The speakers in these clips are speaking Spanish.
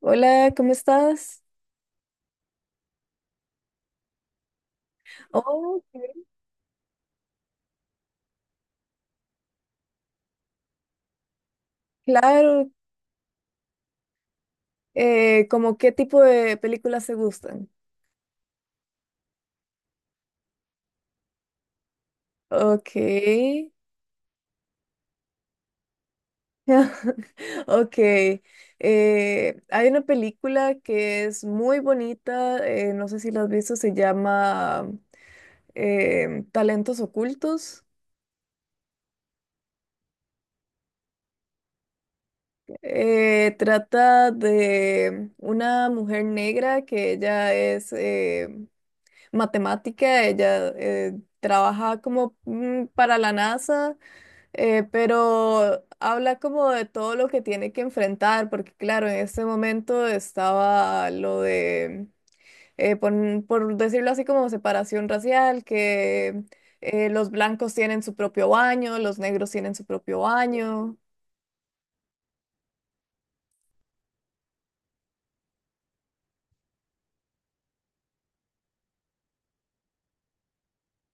Hola, ¿cómo estás? Oh, qué bien. Claro. ¿Cómo qué tipo de películas te gustan? Ok. Ok. Hay una película que es muy bonita, no sé si la has visto, se llama Talentos Ocultos. Trata de una mujer negra que ella es... matemática, ella trabaja como para la NASA, pero habla como de todo lo que tiene que enfrentar, porque claro, en este momento estaba lo de, por, decirlo así, como separación racial, que los blancos tienen su propio baño, los negros tienen su propio baño,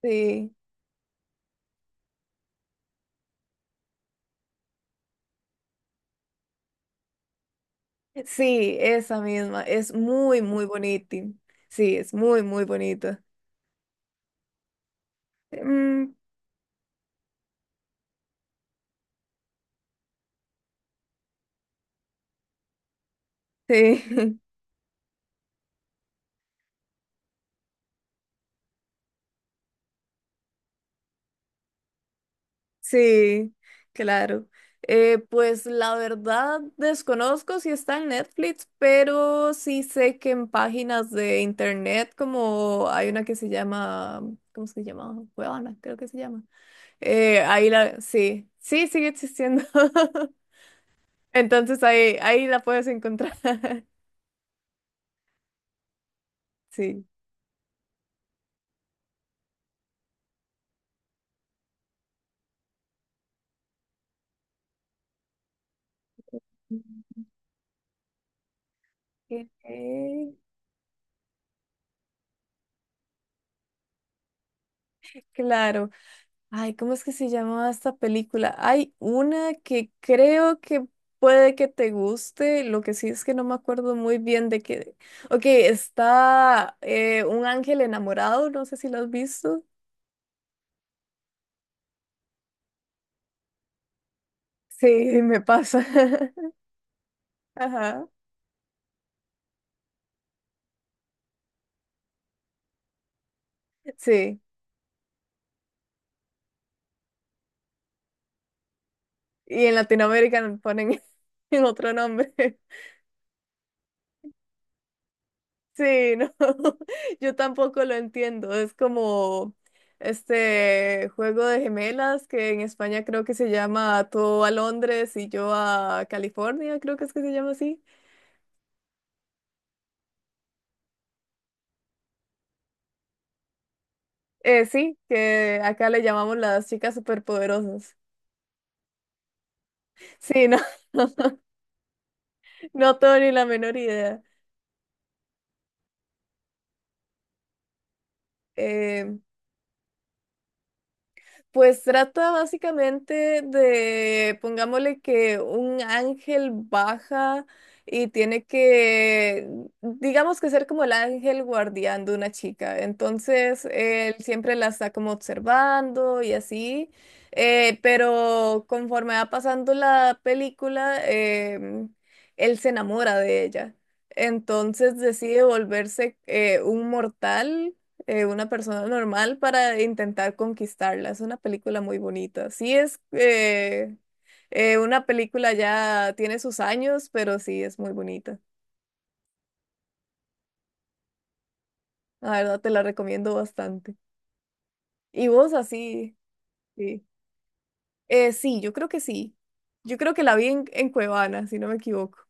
sí. Sí, esa misma, es muy, muy bonita. Sí, es muy, muy bonita. Mm, sí. Sí, claro. Pues la verdad desconozco si está en Netflix, pero sí sé que en páginas de internet, como hay una que se llama, ¿cómo se llama? Cuevana, creo que se llama. Ahí la, sí, sí, sigue existiendo. Entonces ahí, ahí la puedes encontrar. Sí. Ok. Claro. Ay, ¿cómo es que se llamaba esta película? Hay una que creo que puede que te guste, lo que sí es que no me acuerdo muy bien de qué. Ok, está un ángel enamorado, no sé si lo has visto. Sí, me pasa. Ajá, sí. Y en Latinoamérica me ponen en otro nombre. Sí, no, yo tampoco lo entiendo. Es como este juego de gemelas que en España creo que se llama Tú a Londres y yo a California, creo que es que se llama así. Sí, que acá le llamamos las chicas superpoderosas. Sí, no, no tengo ni la menor idea. Eh, Pues trata básicamente de, pongámosle que un ángel baja y tiene que, digamos que ser como el ángel guardián de una chica. Entonces, él siempre la está como observando y así, pero conforme va pasando la película, em, él se enamora de ella. Entonces decide volverse un mortal, una persona normal para intentar conquistarla. Es una película muy bonita. Sí es una película ya tiene sus años, pero sí es muy bonita. La verdad te la recomiendo bastante. Y vos así, sí. Sí, yo creo que sí. Yo creo que la vi en Cuevana, si no me equivoco.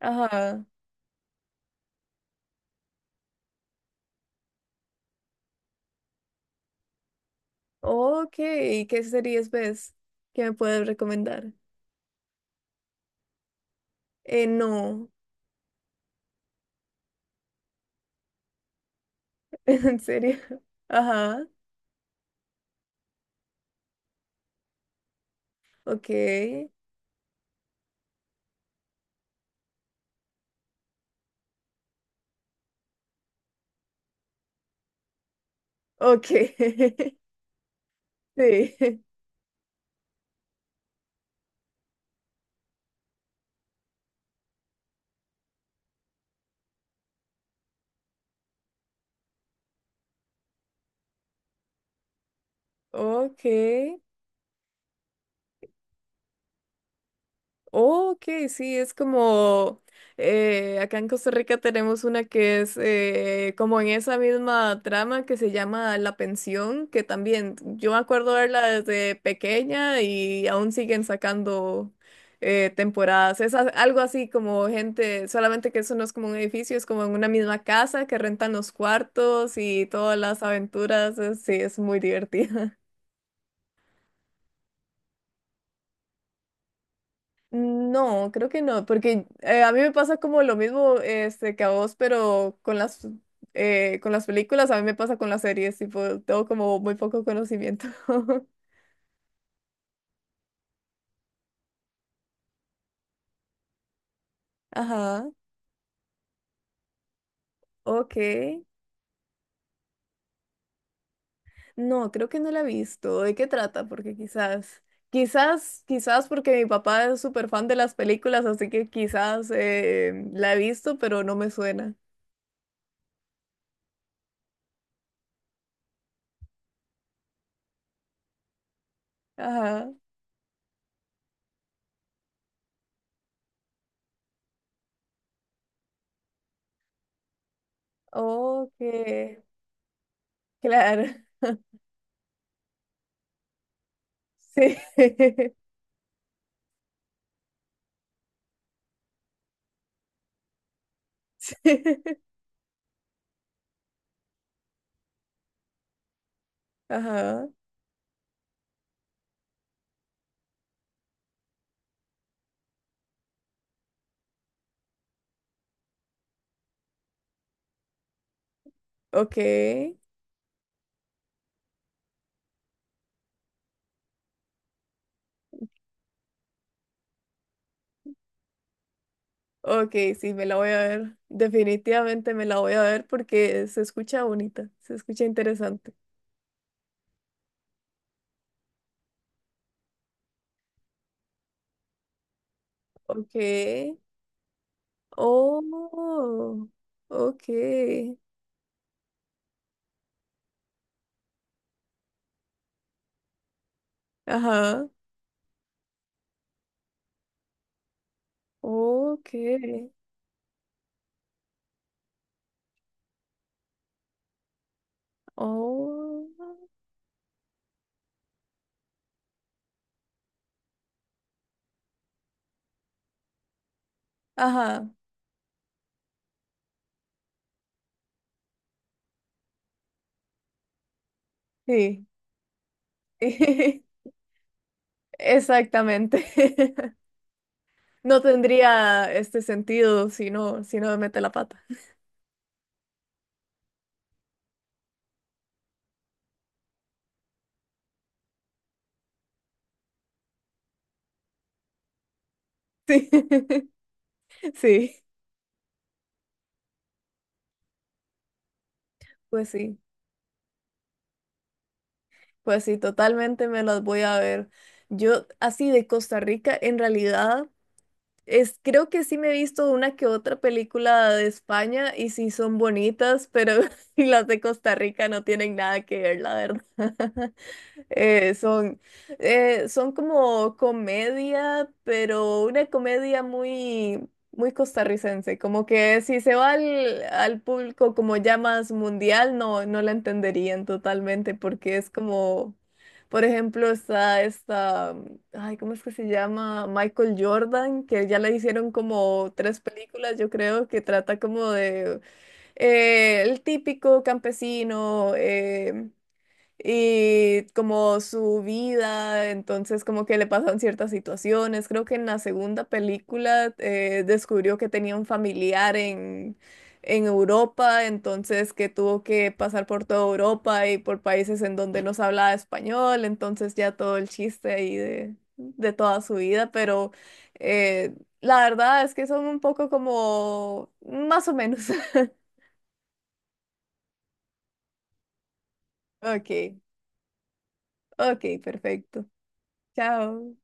Ajá. Ok, ¿qué series ves que me puedes recomendar? No, en serio. Ajá, ok, ok. Sí, ok, ok, sí, es como acá en Costa Rica tenemos una que es como en esa misma trama que se llama La Pensión, que también yo me acuerdo verla desde pequeña y aún siguen sacando temporadas. Es algo así como gente, solamente que eso no es como un edificio, es como en una misma casa que rentan los cuartos y todas las aventuras, sí, es muy divertido. No, creo que no, porque a mí me pasa como lo mismo este, que a vos, pero con las películas, a mí me pasa con las series, tipo, tengo como muy poco conocimiento. Ajá, ok. No, creo que no la he visto. ¿De qué trata? Porque quizás, quizás, quizás porque mi papá es súper fan de las películas, así que quizás la he visto, pero no me suena. Ajá, ok, claro. Sí. Sí. Ajá. Ok, ok, sí, me la voy a ver. Definitivamente me la voy a ver porque se escucha bonita, se escucha interesante. Ok, oh, ok, ajá, ok, oh, ajá, sí, exactamente. No tendría este sentido si no, si no me mete la pata. Sí, sí, pues sí. Pues sí, totalmente me las voy a ver. Yo, así de Costa Rica, en realidad, es, creo que sí me he visto una que otra película de España y sí son bonitas, pero las de Costa Rica no tienen nada que ver, la verdad. Eh, son, son como comedia, pero una comedia muy, muy costarricense. Como que si se va al, al público como ya más mundial, no, no la entenderían totalmente, porque es como, por ejemplo, está esta, ay, ¿cómo es que se llama? Michael Jordan, que ya le hicieron como tres películas, yo creo, que trata como de el típico campesino. Y como su vida, entonces como que le pasan ciertas situaciones. Creo que en la segunda película descubrió que tenía un familiar en Europa, entonces que tuvo que pasar por toda Europa y por países en donde no se hablaba español, entonces ya todo el chiste ahí de toda su vida, pero eh, la verdad es que son un poco como más o menos. Ok, ok, perfecto. Chao.